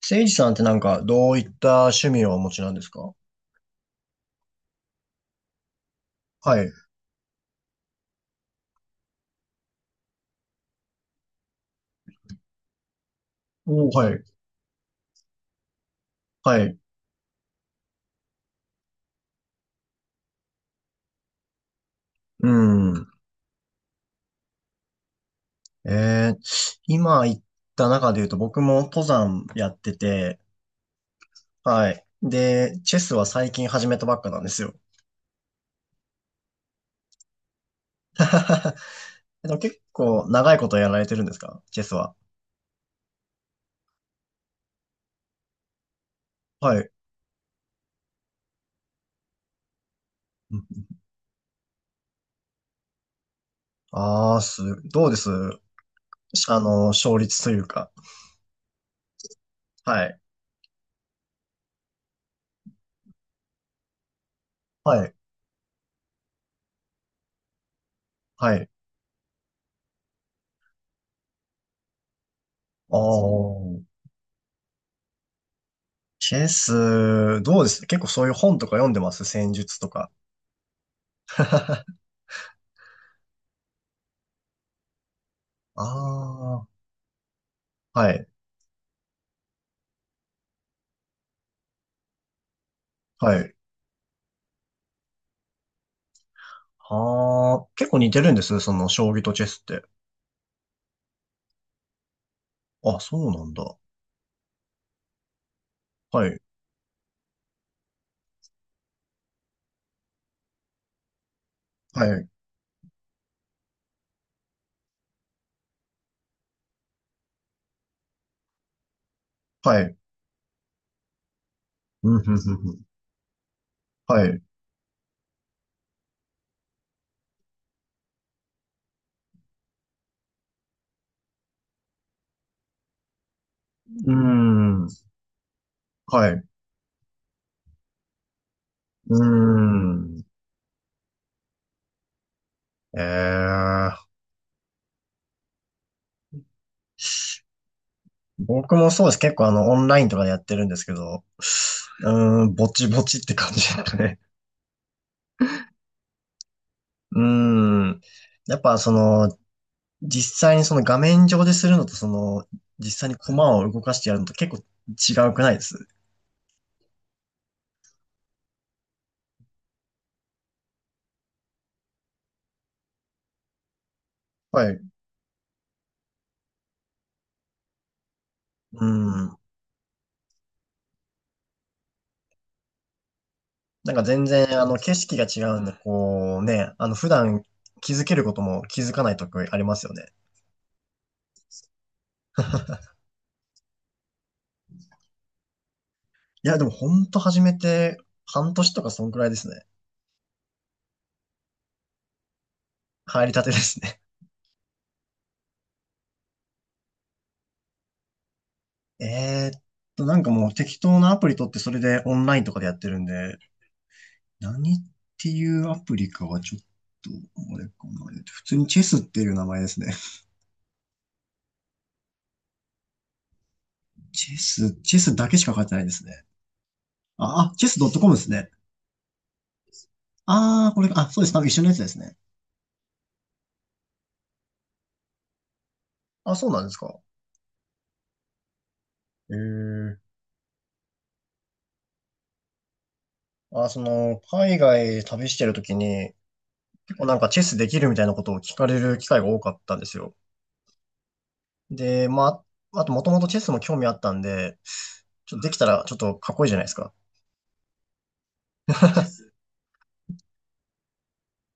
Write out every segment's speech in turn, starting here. せいじさんって、なんかどういった趣味をお持ちなんですか？はい。おー、はい。はい。うん。えー、今言った中で言うと、僕も登山やってて、はい。で、チェスは最近始めたばっかなんですよ。でも結構長いことやられてるんですか、チェスは？はい。ああー、す、どうです勝率というか？はい。はい。はい。ああ、チェス、どうです？結構そういう本とか読んでます？戦術とか？ああ、はい、はい。ああ、結構似てるんです、その将棋とチェスって。あ、そうなんだ。はい、はい、はい。うん、ふんふんふん。はい。うーん、はい。うーん。ええ、僕もそうです。結構オンラインとかでやってるんですけど、うーん、ぼちぼちって感じですかね。うーん。やっぱ実際にその画面上でするのと、実際に駒を動かしてやるのと結構違うくないです？はい。うん。なんか全然、景色が違うんで、こうね、普段気づけることも気づかないとこありますよね。いや、でもほんと始めて半年とかそんくらいですね。入りたてですね。えーっなんかもう適当なアプリ取って、それでオンラインとかでやってるんで、何っていうアプリかはちょっと、あれかな。普通にチェスっていう名前ですね。チェス、チェスだけしか書いてないですね。あ、チェス.com ですね。あー、これ、あ、そうです。なんか一緒のやつですね。あ、そうなんですか。えー、あ、海外旅してるときに、結構なんかチェスできるみたいなことを聞かれる機会が多かったんですよ。で、まあ、あと、もともとチェスも興味あったんで、ちょっとできたらちょっとかっこいいじゃないですか。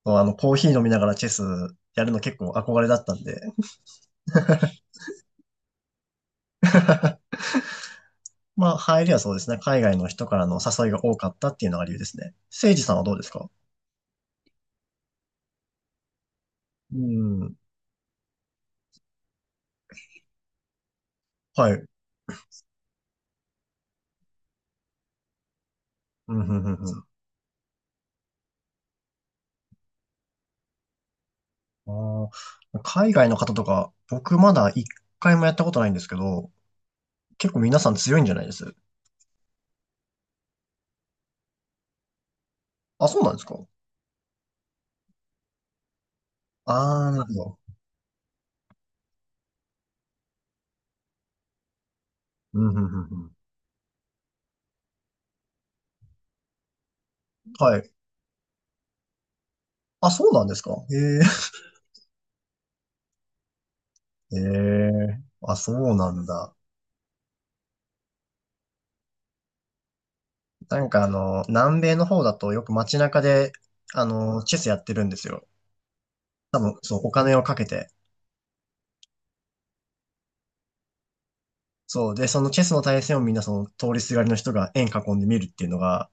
まあの、コーヒー飲みながらチェスやるの結構憧れだったんで、まあ、入りはそうですね。海外の人からの誘いが多かったっていうのが理由ですね。せいじさんはどうですか？うん。はい。うん、うん、うん、うん。あー、海外の方とか、僕まだ一回もやったことないんですけど、結構皆さん強いんじゃないです？あ、そうなんですか？ああ、なるほど。うん、うん、うん、うん。はい。あ、そうなんですか？へえ。へえ。あ、そうなんだ。なんか南米の方だとよく街中で、チェスやってるんですよ。多分、そう、お金をかけて。そう。で、そのチェスの対戦を、みんなその通りすがりの人が円囲んで見るっていうのが、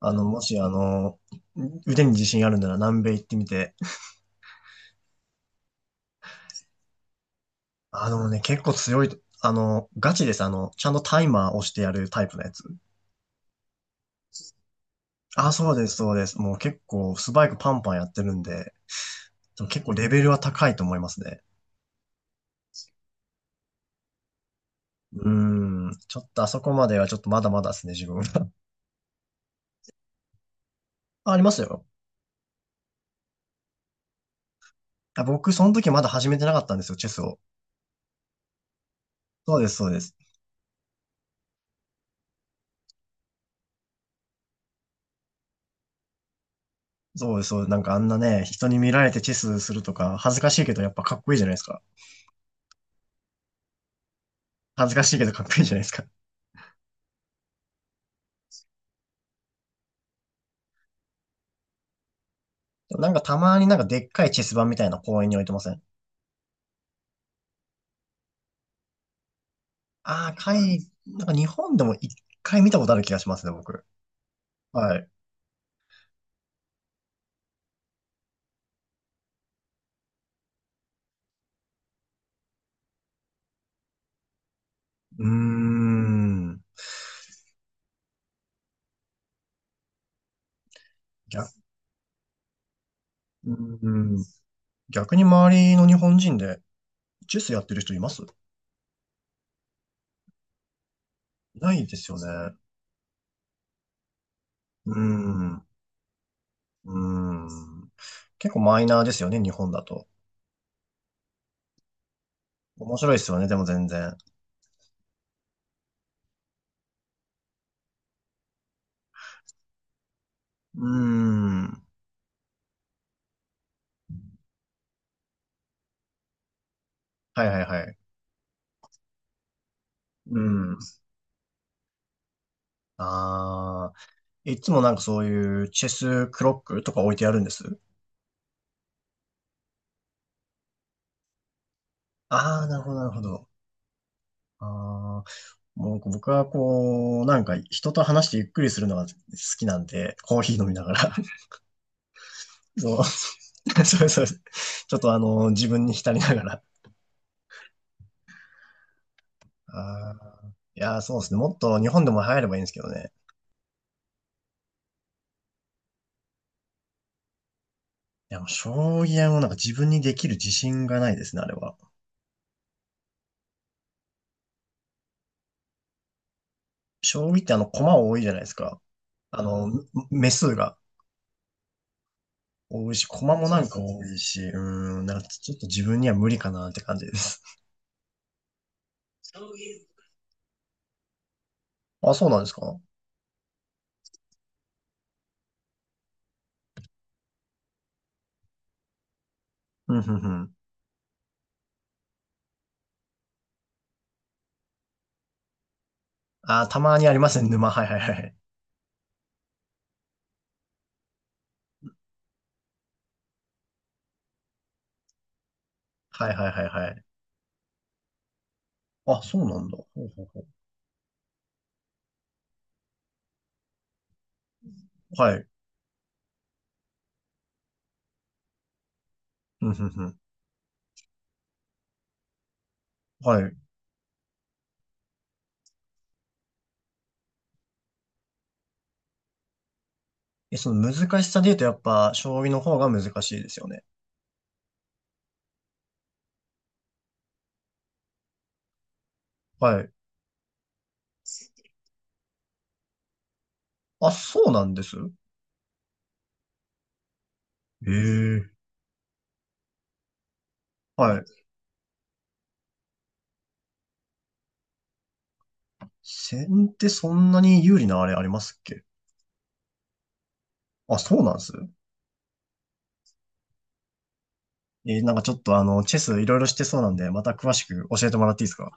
もし腕に自信あるなら南米行ってみて。あのね、結構強い、ガチです。ちゃんとタイマー押してやるタイプのやつ。あ、そうです、そうです。もう結構スパイクパンパンやってるんで、でも結構レベルは高いと思いますね。うーん。ちょっとあそこまではちょっとまだまだですね、自分。あ、ありますよ。あ、僕、その時まだ始めてなかったんですよ、チェスを。そうです、そうです。そうです、そうです。なんかあんなね、人に見られてチェスするとか、恥ずかしいけどやっぱかっこいいじゃないですか。恥ずかしいけどかっこいいじゃないですか。でもなんかたまに、なんかでっかいチェス盤みたいな、公園に置いてません？なんか日本でも一回見たことある気がしますね、僕。はい。うーん。うん。逆に周りの日本人で、チェスやってる人いますい？ないですよね。うん。うん。結構マイナーですよね、日本だと。面白いですよね、でも全然。うん。はいはいはい。うん。ああ。いつもなんかそういうチェスクロックとか置いてあるんです？ああ、なるほど、なるほど。ああ、もう僕はこう、なんか人と話してゆっくりするのが好きなんで、コーヒー飲みながら。そう。そうそう。ちょっと自分に浸りながら。あーいやー、そうですね。もっと日本でも流行ればいいんですけどね。いや、もう将棋はもうなんか自分にできる自信がないですね、あれは。将棋って駒多いじゃないですか。あの、目数が多いし、駒もなんか多いし、うーん、なんかちょっと自分には無理かなって感じです。あ、そうなんですか？うん、うん、うん。あー、たまにありますね、沼。はいはいはい。はいはいはいはい。あ、そうなんだ。ほうほうほう。はい。うん、うん、うん。はい。え、その難しさで言うとやっぱ、将棋の方が難しいですよね。はい。あ、そうなんです。ええ。はい。先手そんなに有利なあれありますっけ？あ、そうなんです。なんかちょっとチェスいろいろしてそうなんで、また詳しく教えてもらっていいですか？